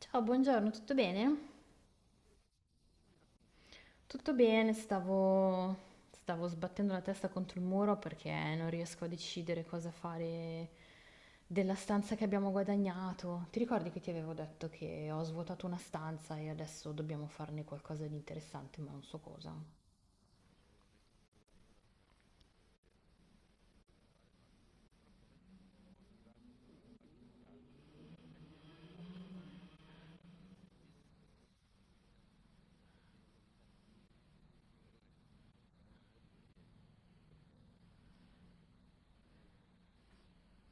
Ciao, buongiorno, tutto bene? Tutto bene, stavo sbattendo la testa contro il muro perché non riesco a decidere cosa fare della stanza che abbiamo guadagnato. Ti ricordi che ti avevo detto che ho svuotato una stanza e adesso dobbiamo farne qualcosa di interessante, ma non so cosa.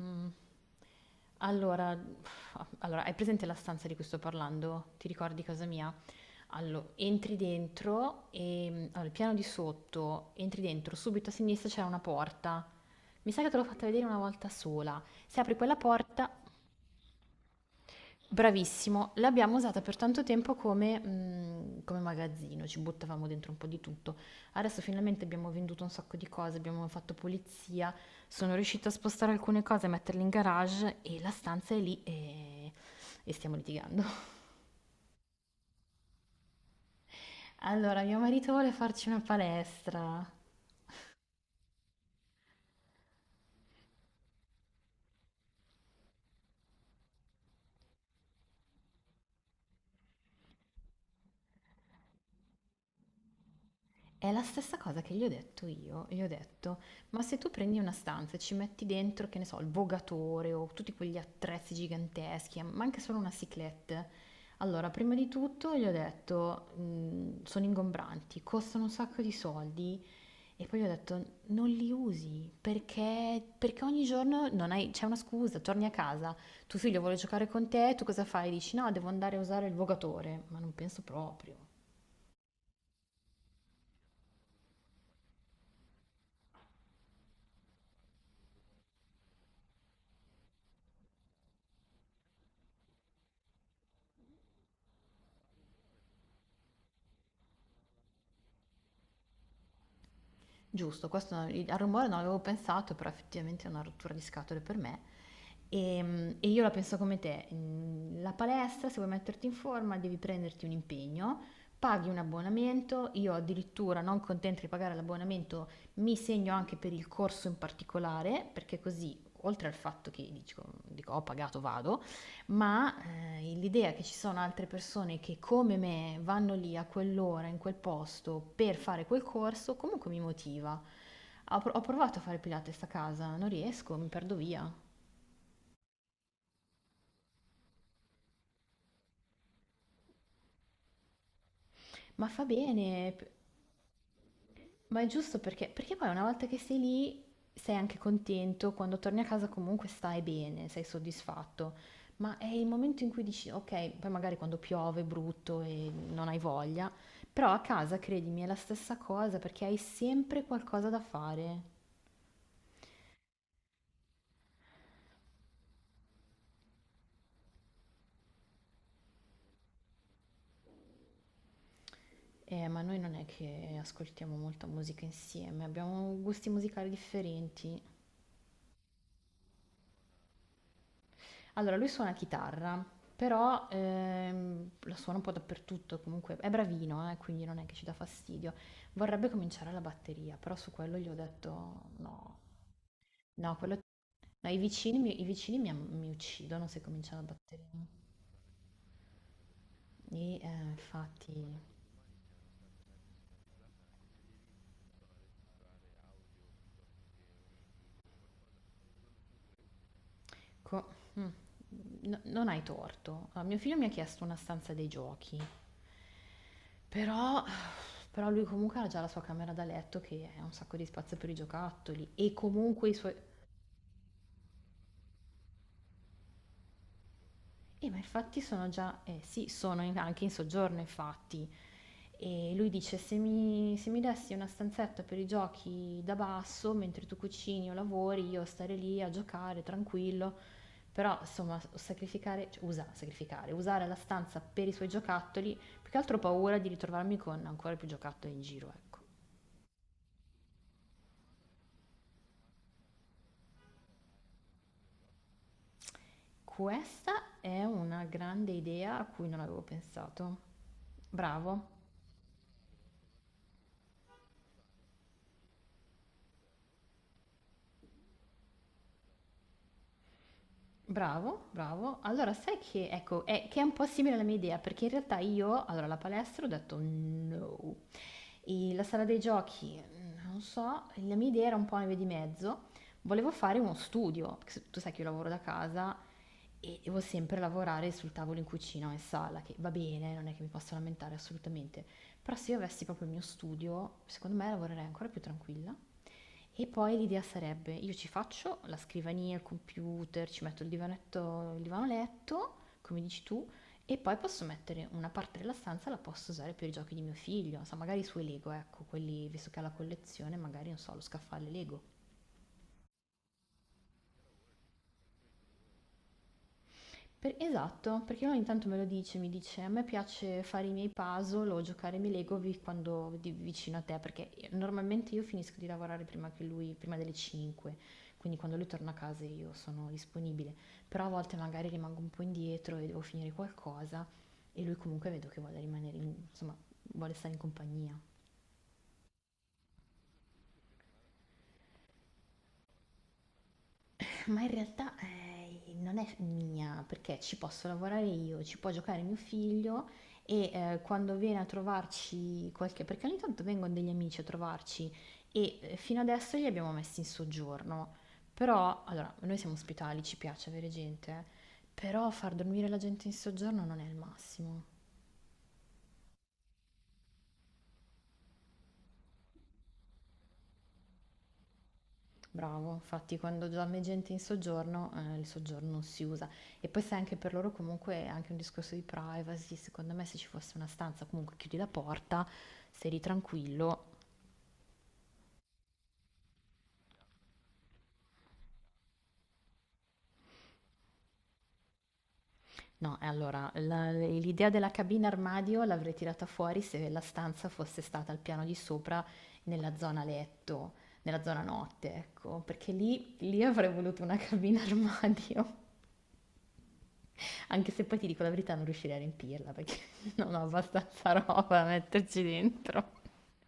Mm. Allora, allora, hai presente la stanza di cui sto parlando? Ti ricordi casa mia? Allora, entri dentro e allora, il piano di sotto, entri dentro, subito a sinistra c'è una porta. Mi sa che te l'ho fatta vedere una volta sola. Se apri quella porta, bravissimo, l'abbiamo usata per tanto tempo come magazzino, ci buttavamo dentro un po' di tutto. Adesso finalmente abbiamo venduto un sacco di cose, abbiamo fatto pulizia, sono riuscita a spostare alcune cose, a metterle in garage e la stanza è lì e stiamo litigando. Allora, mio marito vuole farci una palestra. È la stessa cosa che gli ho detto io, gli ho detto, ma se tu prendi una stanza e ci metti dentro, che ne so, il vogatore o tutti quegli attrezzi giganteschi, ma anche solo una cyclette, allora prima di tutto gli ho detto, sono ingombranti, costano un sacco di soldi e poi gli ho detto, non li usi perché ogni giorno non hai- c'è una scusa, torni a casa, tuo figlio vuole giocare con te, tu cosa fai? Dici no, devo andare a usare il vogatore, ma non penso proprio. Giusto, questo al rumore non avevo pensato, però effettivamente è una rottura di scatole per me. E io la penso come te. La palestra, se vuoi metterti in forma, devi prenderti un impegno, paghi un abbonamento, io addirittura non contenta di pagare l'abbonamento, mi segno anche per il corso in particolare, perché così, oltre al fatto che dico, ho pagato, vado, ma, l'idea che ci sono altre persone che come me vanno lì a quell'ora, in quel posto, per fare quel corso, comunque mi motiva. Ho provato a fare Pilates a casa, non riesco, mi perdo via. Ma fa bene p Ma è giusto perché poi una volta che sei lì sei anche contento, quando torni a casa comunque stai bene, sei soddisfatto, ma è il momento in cui dici ok, poi magari quando piove è brutto e non hai voglia, però a casa credimi è la stessa cosa perché hai sempre qualcosa da fare. Ma noi non è che ascoltiamo molta musica insieme, abbiamo gusti musicali differenti. Allora, lui suona chitarra, però la suona un po' dappertutto, comunque è bravino, quindi non è che ci dà fastidio. Vorrebbe cominciare la batteria, però su quello gli ho detto no, no, no, i vicini mi uccidono se comincia la batteria. E infatti. co- mm, Non hai torto. Allora, mio figlio mi ha chiesto una stanza dei giochi, però, però lui comunque ha già la sua camera da letto che ha un sacco di spazio per i giocattoli e comunque i suoi... ma infatti sono già, eh sì, sono anche in soggiorno, infatti. E lui dice: se mi dessi una stanzetta per i giochi da basso, mentre tu cucini o lavori, io stare lì a giocare tranquillo. Però, insomma, cioè, usare la stanza per i suoi giocattoli, più che altro ho paura di ritrovarmi con ancora più giocattoli in giro, ecco. Questa è una grande idea a cui non avevo pensato. Bravo. Bravo, bravo. Allora, sai che, ecco, che è un po' simile alla mia idea, perché in realtà io, allora, la palestra ho detto no. E la sala dei giochi, non so, la mia idea era un po' una via di mezzo. Volevo fare uno studio, perché tu sai che io lavoro da casa e devo sempre lavorare sul tavolo in cucina o in sala, che va bene, non è che mi posso lamentare assolutamente. Però se io avessi proprio il mio studio, secondo me lavorerei ancora più tranquilla. E poi l'idea sarebbe, io ci faccio la scrivania, il computer, ci metto il divanetto, il divano letto, come dici tu, e poi posso mettere una parte della stanza, la posso usare per i giochi di mio figlio, non so, magari i suoi Lego, ecco, quelli, visto che ha la collezione, magari, non so, lo scaffale Lego. Esatto, perché lui ogni tanto me lo dice, mi dice, a me piace fare i miei puzzle o giocare ai miei Lego quando vicino a te, perché normalmente io finisco di lavorare prima delle 5, quindi quando lui torna a casa io sono disponibile, però a volte magari rimango un po' indietro e devo finire qualcosa e lui comunque vedo che vuole rimanere, insomma, vuole stare in compagnia. Ma in realtà non è mia, perché ci posso lavorare io, ci può giocare mio figlio e quando viene a trovarci perché ogni tanto vengono degli amici a trovarci e fino adesso li abbiamo messi in soggiorno. Però, allora, noi siamo ospitali, ci piace avere gente, però far dormire la gente in soggiorno non è il massimo. Bravo, infatti quando già me gente in soggiorno, il soggiorno non si usa. E poi sai anche per loro comunque è anche un discorso di privacy, secondo me se ci fosse una stanza comunque chiudi la porta, sei lì tranquillo. No, e allora l'idea della cabina armadio l'avrei tirata fuori se la stanza fosse stata al piano di sopra nella zona letto, nella zona notte, ecco, perché lì avrei voluto una cabina armadio. Anche se poi ti dico la verità, non riuscirei a riempirla perché non ho abbastanza roba da metterci dentro,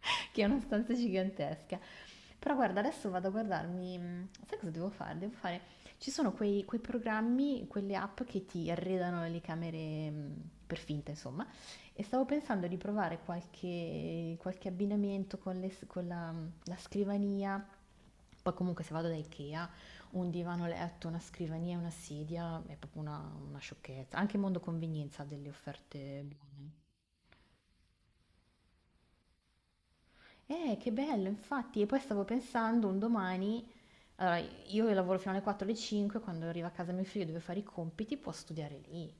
che è una stanza gigantesca. Però guarda, adesso vado a guardarmi, sai cosa devo fare? Ci sono quei programmi, quelle app che ti arredano le camere per finta, insomma, e stavo pensando di provare qualche abbinamento con, con la scrivania, poi comunque se vado da Ikea, un divano letto, una scrivania e una sedia, è proprio una sciocchezza. Anche Mondo Convenienza ha delle offerte buone. Che bello, infatti, e poi stavo pensando un domani allora, io che lavoro fino alle 4 alle 5, quando arriva a casa mio figlio e deve fare i compiti, può studiare lì.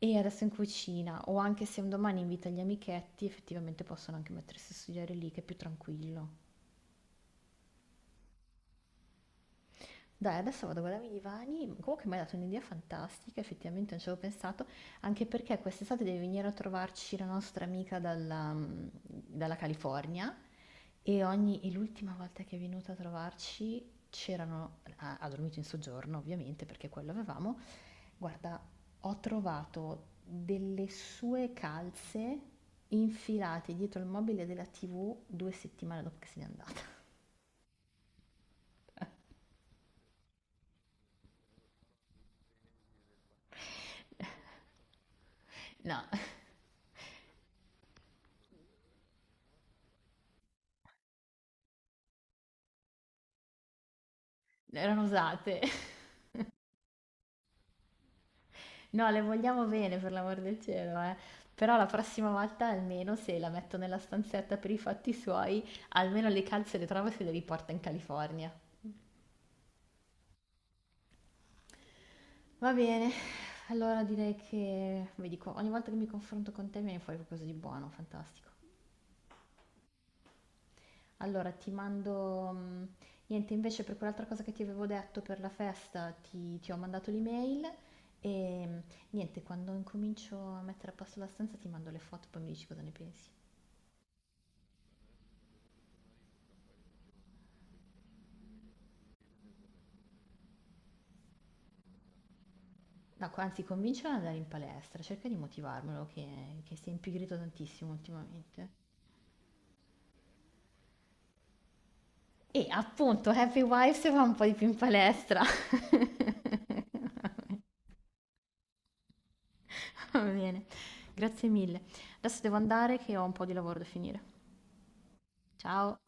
E adesso in cucina, o anche se un domani invita gli amichetti, effettivamente possono anche mettersi a studiare lì, che è più tranquillo. Dai, adesso vado a guardarmi i divani, comunque mi hai dato un'idea fantastica, effettivamente non ci avevo pensato, anche perché quest'estate deve venire a trovarci la nostra amica dalla California e, l'ultima volta che è venuta a trovarci ha dormito in soggiorno ovviamente perché quello avevamo. Guarda, ho trovato delle sue calze infilate dietro il mobile della TV 2 settimane dopo che se n'è andata. No, erano usate. No, le vogliamo bene, per l'amor del cielo, eh. Però la prossima volta, almeno se la metto nella stanzetta per i fatti suoi, almeno le calze le trovo e se le riporta in California. Va bene, allora direi che, vi dico, ogni volta che mi confronto con te mi viene fuori qualcosa di buono, fantastico. Allora ti mando niente invece per quell'altra cosa che ti avevo detto per la festa ti ho mandato l'email e niente, quando incomincio a mettere a posto la stanza ti mando le foto, poi mi dici cosa ne pensi. No, anzi, convincilo ad andare in palestra, cerca di motivarmelo che si è impigrito tantissimo ultimamente. E appunto, Happy Wives va un po' di più in palestra. Va bene, grazie mille. Adesso devo andare che ho un po' di lavoro da finire. Ciao!